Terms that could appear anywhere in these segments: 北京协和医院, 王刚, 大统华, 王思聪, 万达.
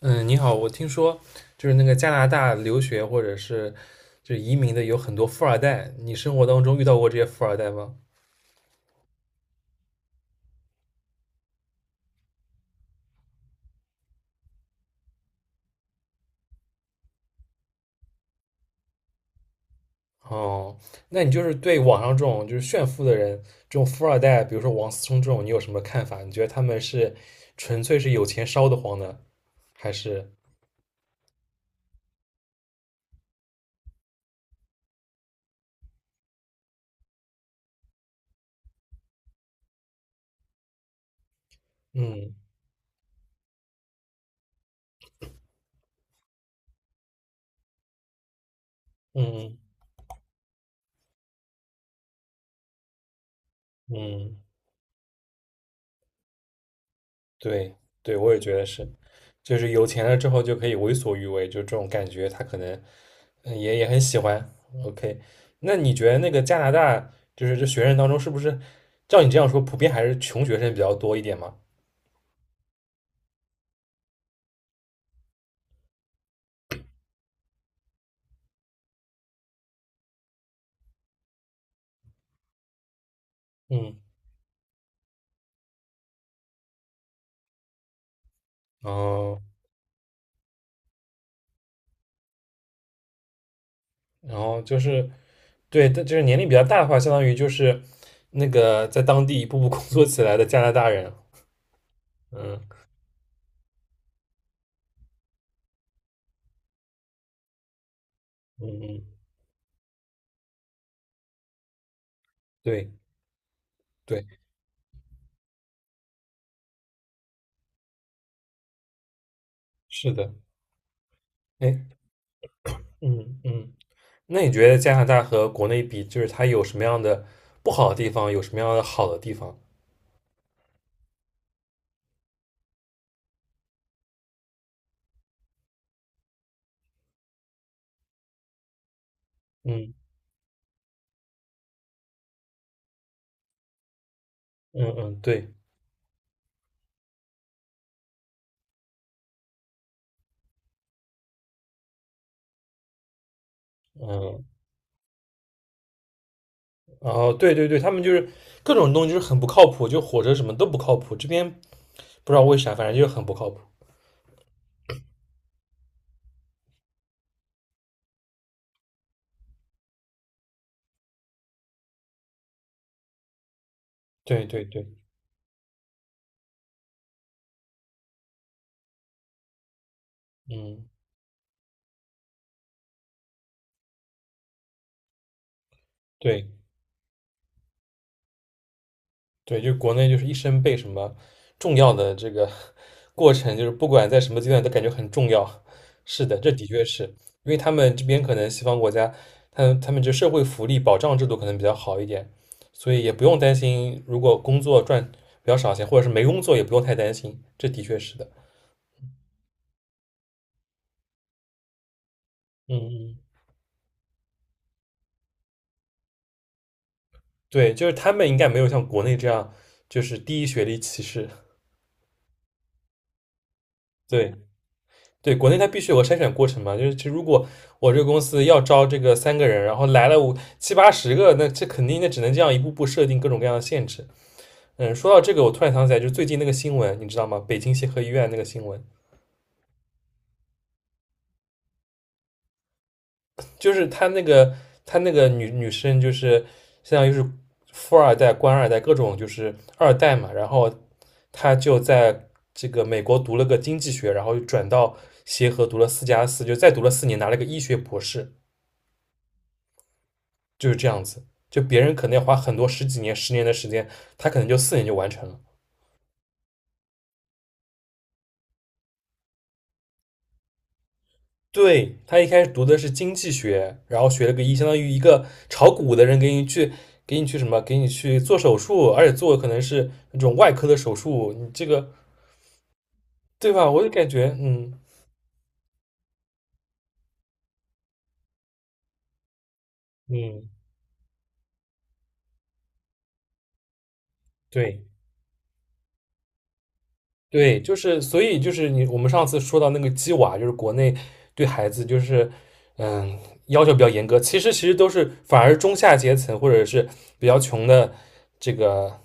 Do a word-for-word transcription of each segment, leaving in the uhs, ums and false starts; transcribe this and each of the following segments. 嗯，你好，我听说就是那个加拿大留学或者是就是移民的有很多富二代，你生活当中遇到过这些富二代吗？哦，那你就是对网上这种就是炫富的人，这种富二代，比如说王思聪这种，你有什么看法？你觉得他们是纯粹是有钱烧得慌呢，还是嗯嗯嗯？嗯对对，我也觉得是，就是有钱了之后就可以为所欲为，就这种感觉，他可能嗯也也很喜欢。OK,那你觉得那个加拿大就是这学生当中，是不是照你这样说，普遍还是穷学生比较多一点嘛？嗯，哦，然后就是对，但就是年龄比较大的话，相当于就是那个在当地一步步工作起来的加拿大人。嗯嗯嗯，对对，是的，哎，嗯嗯。那你觉得加拿大和国内比，就是它有什么样的不好的地方，有什么样的好的地方？嗯嗯嗯，对，嗯，然后对对对，他们就是各种东西就是很不靠谱，就火车什么都不靠谱，这边不知道为啥，反正就是很不靠谱。对对对，嗯，对。对，就国内就是一生被什么重要的这个 过程，就是不管在什么阶段都感觉很重要。是的，这的确是因为他们这边可能西方国家，他们他们这社会福利保障制度可能比较好一点，所以也不用担心，如果工作赚比较少钱，或者是没工作也不用太担心。这的确是的，嗯嗯，对，就是他们应该没有像国内这样就是低学历歧视。对，对，国内它必须有个筛选过程嘛，就是其实如果我这个公司要招这个三个人，然后来了五七八十个，那这肯定那只能这样一步步设定各种各样的限制。嗯，说到这个，我突然想起来，就是最近那个新闻，你知道吗？北京协和医院那个新闻，就是他那个他那个女女生，就是相当于是富二代、官二代各种就是二代嘛，然后她就在这个美国读了个经济学，然后又转到协和读了四加四，就再读了四年，拿了个医学博士。就是这样子。就别人可能要花很多十几年、十年的时间，他可能就四年就完成了。对他一开始读的是经济学，然后学了个医，相当于一个炒股的人给你去给你去什么，给你去做手术，而且做可能是那种外科的手术，你这个对吧？我就感觉，嗯嗯，对。对，就是所以就是你我们上次说到那个鸡娃，就是国内对孩子就是嗯要求比较严格，其实其实都是反而中下阶层或者是比较穷的这个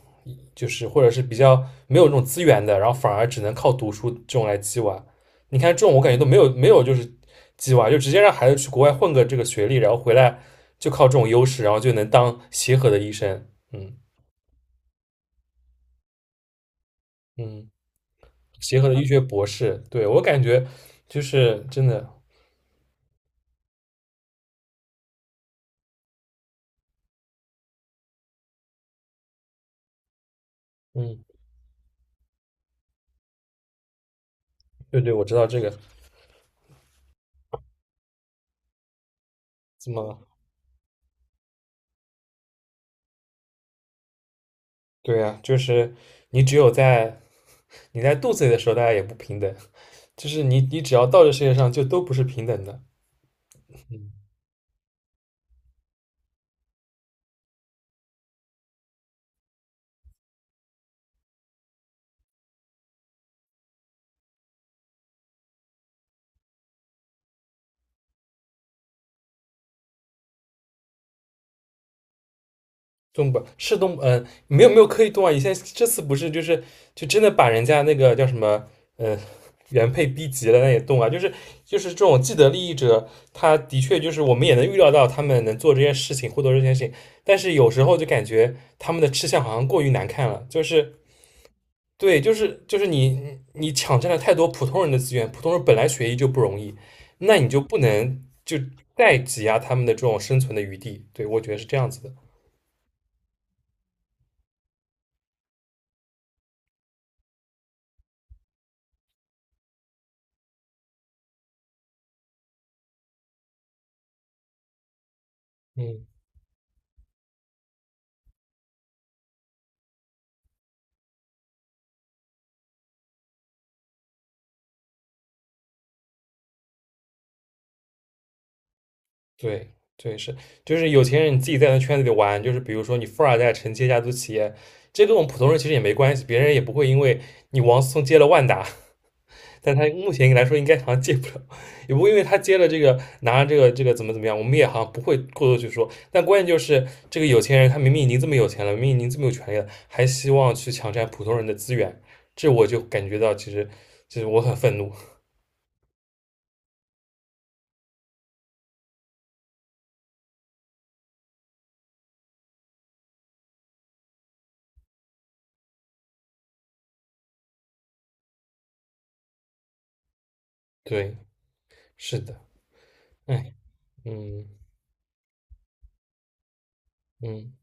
就是或者是比较没有那种资源的，然后反而只能靠读书这种来鸡娃。你看这种我感觉都没有没有就是鸡娃，就直接让孩子去国外混个这个学历，然后回来就靠这种优势，然后就能当协和的医生。嗯嗯。协和的医学博士。对我感觉就是真的，嗯，对对，我知道这个怎么对呀，就是你只有在你在肚子里的时候，大家也不平等，就是你你只要到这世界上，就都不是平等的。动北是动？嗯、呃没有没有刻意动啊。以前这次不是就是就真的把人家那个叫什么，嗯、呃原配逼急了，那也动啊。就是就是这种既得利益者，他的确就是我们也能预料到他们能做这件事情，获得这件事情，但是有时候就感觉他们的吃相好像过于难看了，就是对，就是就是你你抢占了太多普通人的资源，普通人本来学医就不容易，那你就不能就再挤压他们的这种生存的余地。对，我觉得是这样子的。嗯。对对是，就是有钱人你自己在那圈子里玩，就是比如说你富二代承接家族企业，这跟我们普通人其实也没关系，别人也不会因为你王思聪接了万达，但他目前来说应该好像接不了，也不会因为他接了这个拿了这个这个怎么怎么样，我们也好像不会过多去说。但关键就是这个有钱人他明明已经这么有钱了，明明已经这么有权利了，还希望去抢占普通人的资源，这我就感觉到其实其实我很愤怒。对，是的，哎，嗯嗯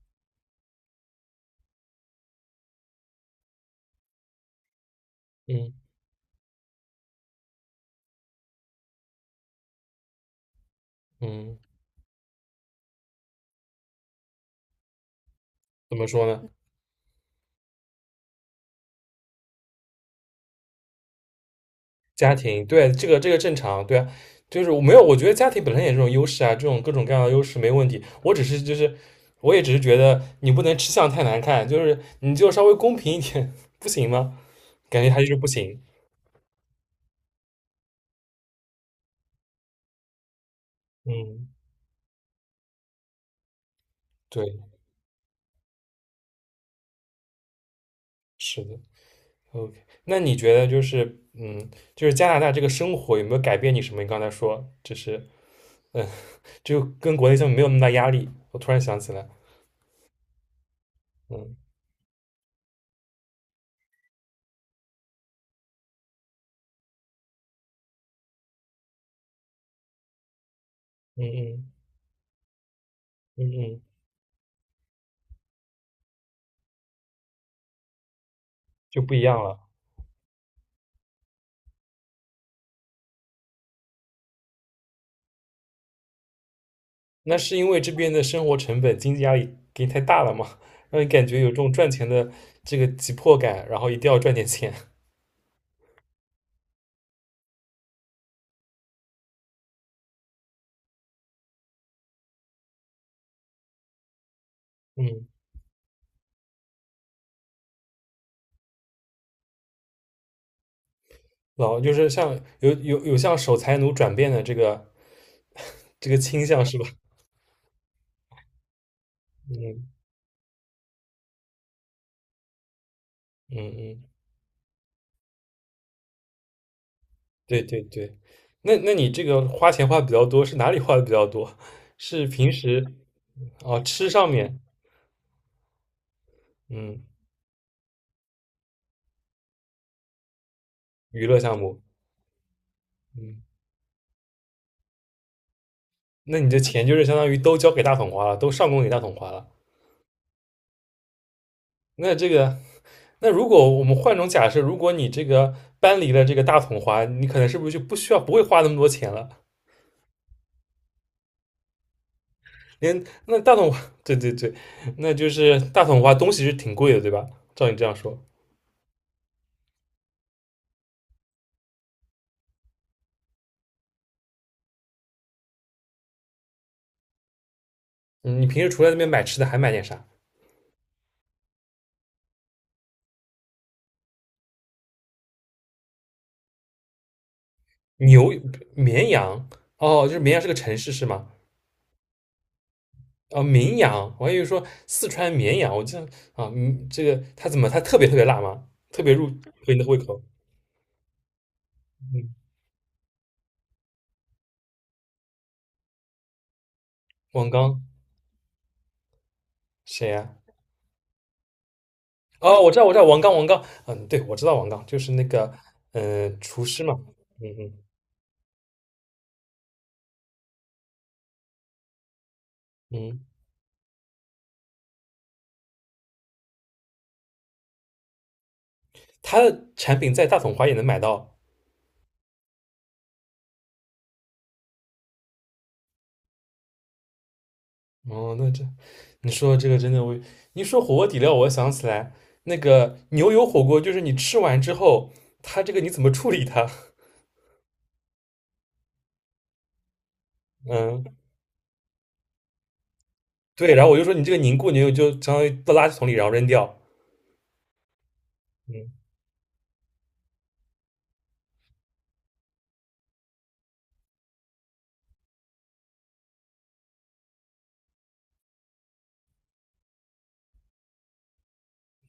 嗯嗯。怎么说呢？家庭，对，这个这个正常，对啊，就是我没有，我觉得家庭本身也是种优势啊，这种各种各样的优势没问题。我只是就是，我也只是觉得你不能吃相太难看，就是你就稍微公平一点，不行吗？感觉他就是不行。嗯，对，是的，OK。那你觉得就是，嗯，就是加拿大这个生活有没有改变你什么？你刚才说，就是，嗯，就跟国内相比没有那么大压力。我突然想起来，嗯嗯嗯嗯嗯，就不一样了。那是因为这边的生活成本、经济压力给你太大了嘛，让你感觉有这种赚钱的这个急迫感，然后一定要赚点钱。嗯，老就是像有有有向守财奴转变的这个 这个倾向是吧？嗯嗯嗯，对对对。那那你这个花钱花的比较多，是哪里花的比较多？是平时哦吃上面，嗯，娱乐项目，嗯，那你这钱就是相当于都交给大桶花了，都上供给大桶花了。那这个，那如果我们换种假设，如果你这个搬离了这个大桶花，你可能是不是就不需要不会花那么多钱了？连那大桶华，对对对，那就是大桶花东西是挺贵的，对吧？照你这样说，嗯你平时除了那边买吃的，还买点啥？牛、绵羊，哦，就是绵阳是个城市是吗？哦，绵阳，我还以为说四川绵阳，我记得啊，嗯，这个它怎么它特别特别辣吗？特别入合你的胃口？嗯，王刚谁呀、哦，我知道，我知道，王刚，王刚，嗯，对，我知道王刚，就是那个，嗯，厨师嘛，嗯嗯嗯，他的产品在大统华也能买到。哦，那这，你说这个真的我，你说火锅底料，我想起来那个牛油火锅，就是你吃完之后，它这个你怎么处理它？嗯，对，然后我就说你这个凝固牛油就相当于到垃圾桶里，然后扔掉。嗯。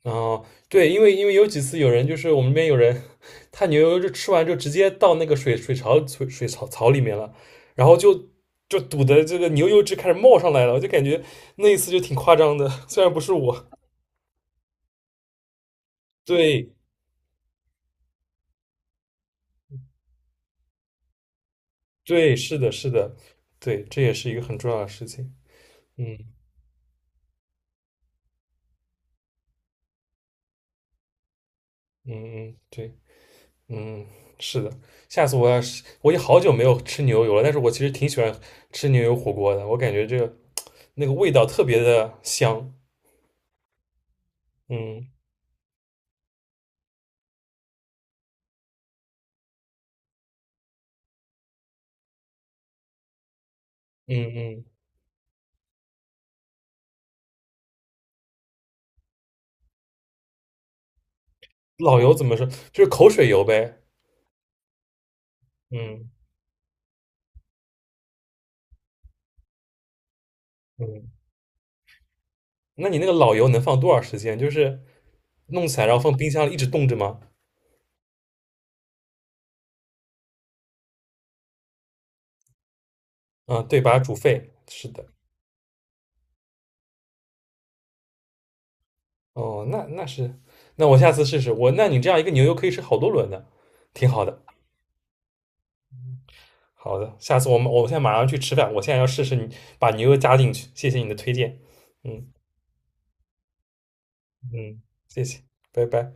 哦，对，因为因为有几次有人就是我们那边有人，他牛油就吃完就直接到那个水水槽水水槽槽里面了，然后就就堵的这个牛油汁开始冒上来了，我就感觉那一次就挺夸张的，虽然不是我，对对，是的，是的，对，这也是一个很重要的事情，嗯嗯嗯，对，嗯，是的，下次我要是我已经好久没有吃牛油了，但是我其实挺喜欢吃牛油火锅的，我感觉这个那个味道特别的香，嗯嗯嗯。老油怎么说？就是口水油呗。嗯嗯，那你那个老油能放多少时间？就是弄起来，然后放冰箱里一直冻着吗？嗯，对，把它煮沸。是的。哦，那那是，那我下次试试。我，那你这样一个牛油可以吃好多轮的，挺好的。好的，下次我们我现在马上去吃饭，我现在要试试你把牛油加进去。谢谢你的推荐。嗯嗯，谢谢，拜拜。